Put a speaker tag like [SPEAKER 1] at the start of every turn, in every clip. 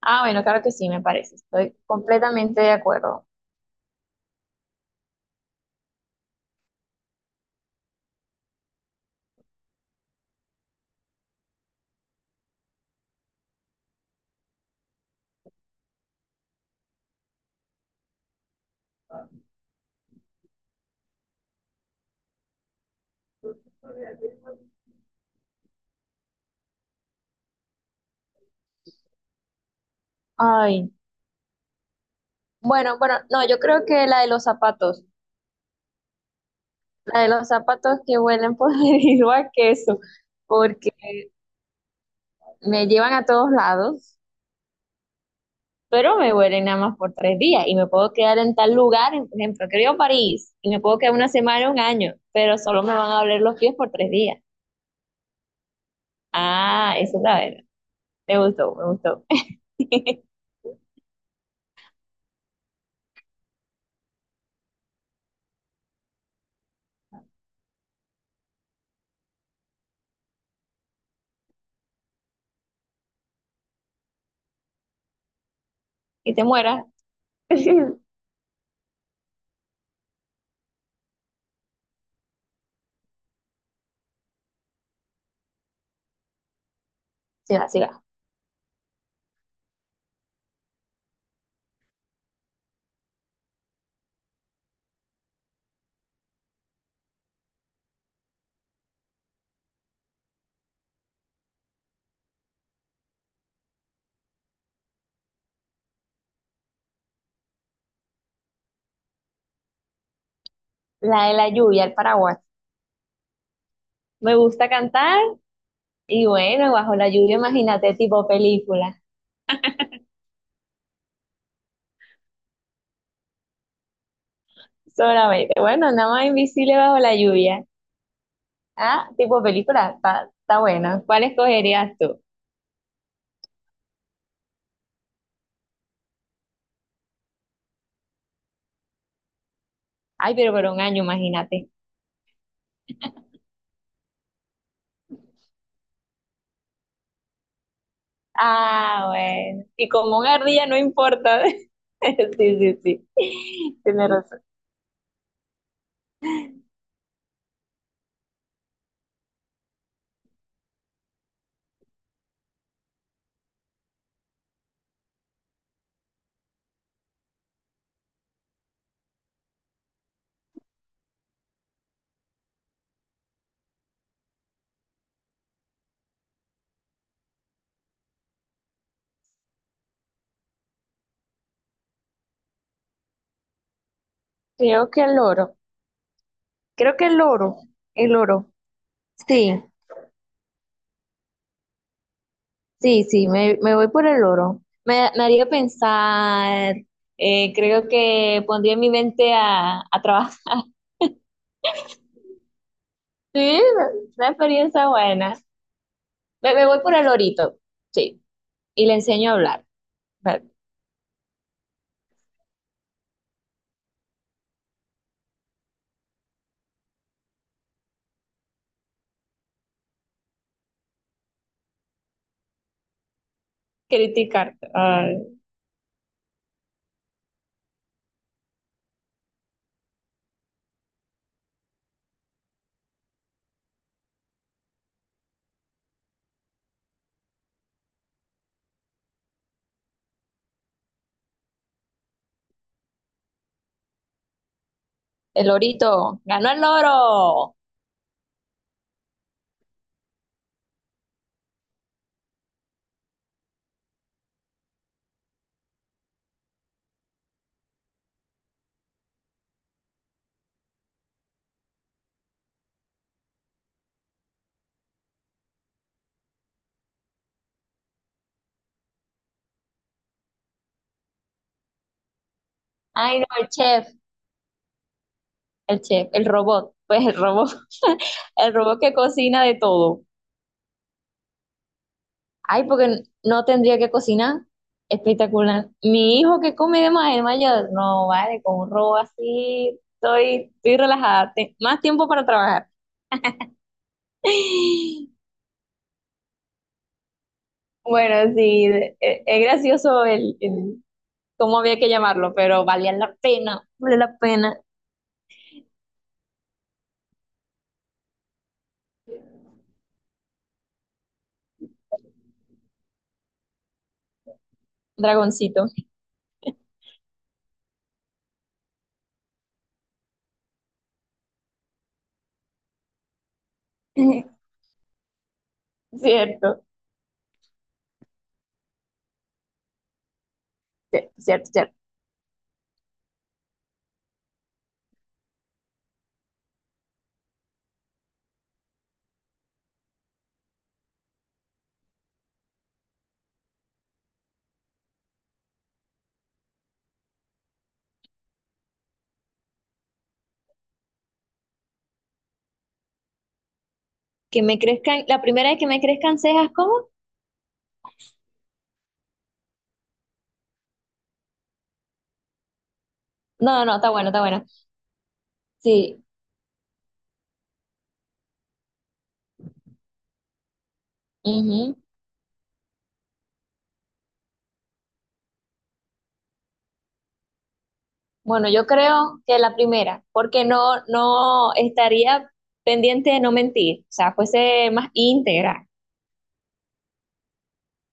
[SPEAKER 1] Ah, bueno, claro que sí, me parece. Estoy completamente de acuerdo. Ay, bueno, bueno, no, yo creo que la de los zapatos, la de los zapatos que huelen por debido a queso, porque me llevan a todos lados, pero me huelen nada más por 3 días y me puedo quedar en tal lugar, por ejemplo, que París y me puedo quedar una semana, un año, pero solo me van a oler los pies por 3 días. Ah, eso es la verdad. Me gustó, me gustó. Y te mueras. Sí, siga. La de la lluvia, el paraguas. Me gusta cantar y bueno, bajo la lluvia, imagínate, tipo película, solamente. Bueno, nada más invisible bajo la lluvia. Ah, tipo película, está bueno. ¿Cuál escogerías tú? Ay, pero por un año, imagínate. Ah, bueno. Y como una ardilla no importa. Sí, sí, sí. Tienes razón. Creo que el oro. Creo que el oro. El oro. Sí. Sí, sí, me voy por el oro. Me haría pensar, creo que pondría mi mente a trabajar. Sí, una experiencia buena. Me voy por el orito, sí, y le enseño a hablar, a criticar. Ay, el orito, ganó el oro. Ay, no, el chef, el chef, el robot, pues el robot, el robot que cocina de todo. Ay, porque no tendría que cocinar. Espectacular. Mi hijo que come de más, el mayor, no vale, con un robo así, estoy relajada. Más tiempo para trabajar. Bueno, sí, es gracioso el cómo había que llamarlo, pero valía la pena, vale la pena, dragoncito. Cierto, cierto, cierto, cierto. La primera vez que me crezcan cejas, ¿cómo? No, no, está bueno, está bueno. Sí. Bueno, yo creo que la primera, porque no, no estaría pendiente de no mentir, o sea, fuese más íntegra.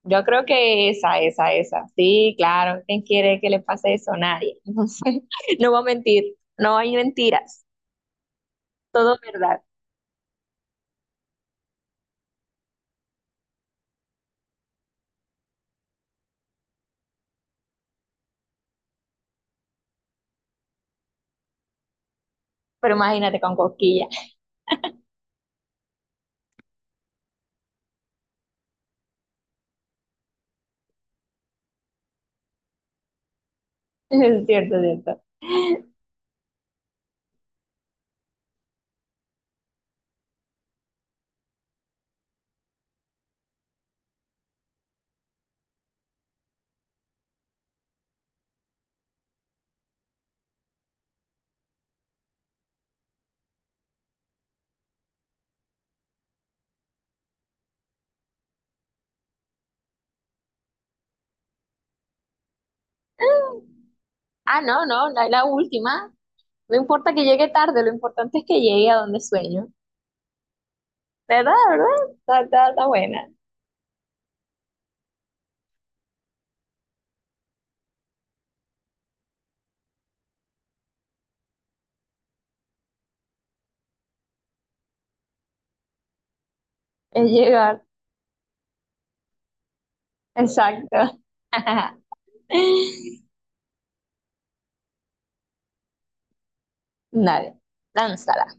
[SPEAKER 1] Yo creo que esa, esa, esa. Sí, claro, ¿quién quiere que le pase eso? Nadie. Entonces, no va a mentir, no hay mentiras, todo es verdad. Pero imagínate con cosquillas, es cierto, es cierto. Ah, no, no, la última. No importa que llegue tarde, lo importante es que llegue a donde sueño. ¿Verdad? ¿Verdad? Está, está, está buena. Es llegar. Exacto. Dale, lánzala.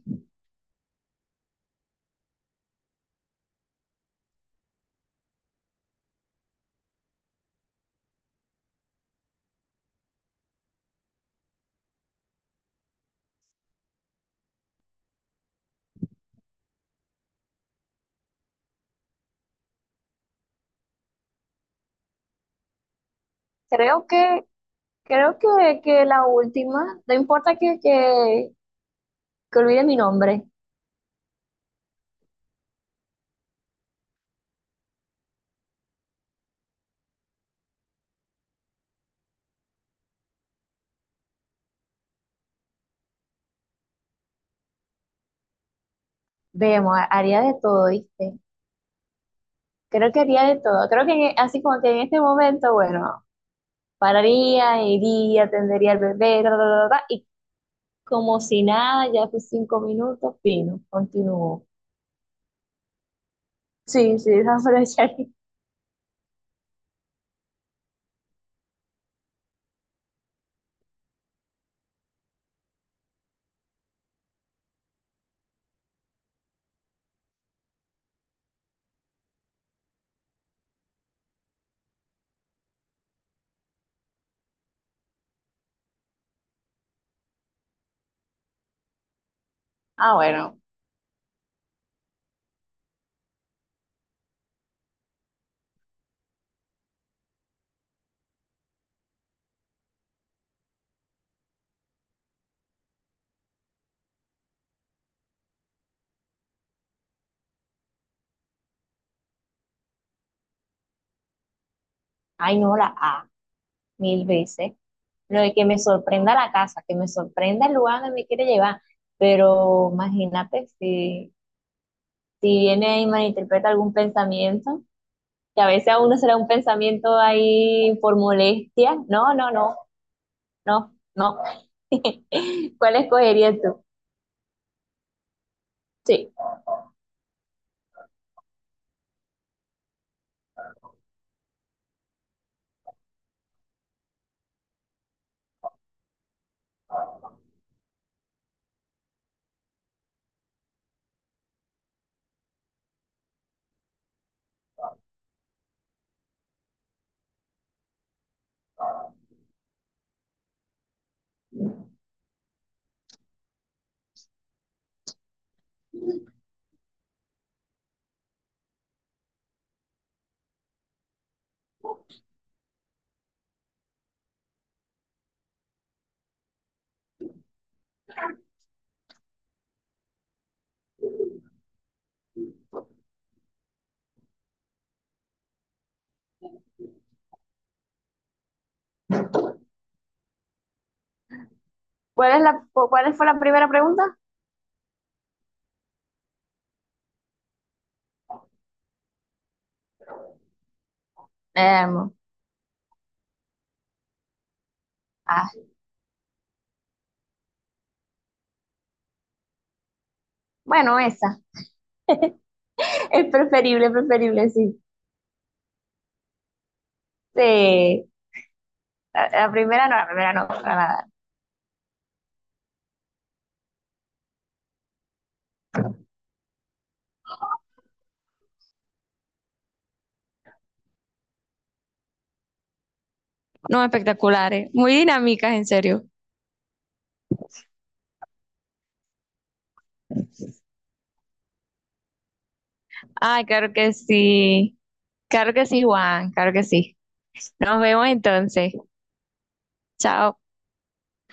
[SPEAKER 1] Creo que, creo que, que la última, no importa que olvide mi nombre, vemos, haría de todo, ¿viste? Creo que haría de todo. Creo que así como que en este momento, bueno, pararía, iría, atendería al bebé, ta, ta, ta, ta, y como si nada, ya fue 5 minutos, fino, continuó. Sí, sí, esa fue la charla. Ah, bueno. Ay, no, la A, mil veces. Lo de que me sorprenda la casa, que me sorprenda el lugar donde me quiere llevar. Pero imagínate si viene y malinterpreta algún pensamiento, que a veces a uno será un pensamiento ahí por molestia. No, no, no, no, no. ¿Cuál escogerías tú? Sí. ¿Cuál es cuál fue la primera pregunta? Em, ah, bueno, esa. Es preferible, preferible, sí. Sí. La primera no, la primera no, para nada. No, espectaculares, muy dinámicas, en serio. Ay, claro que sí. Claro que sí, Juan. Claro que sí. Nos vemos entonces. Chao.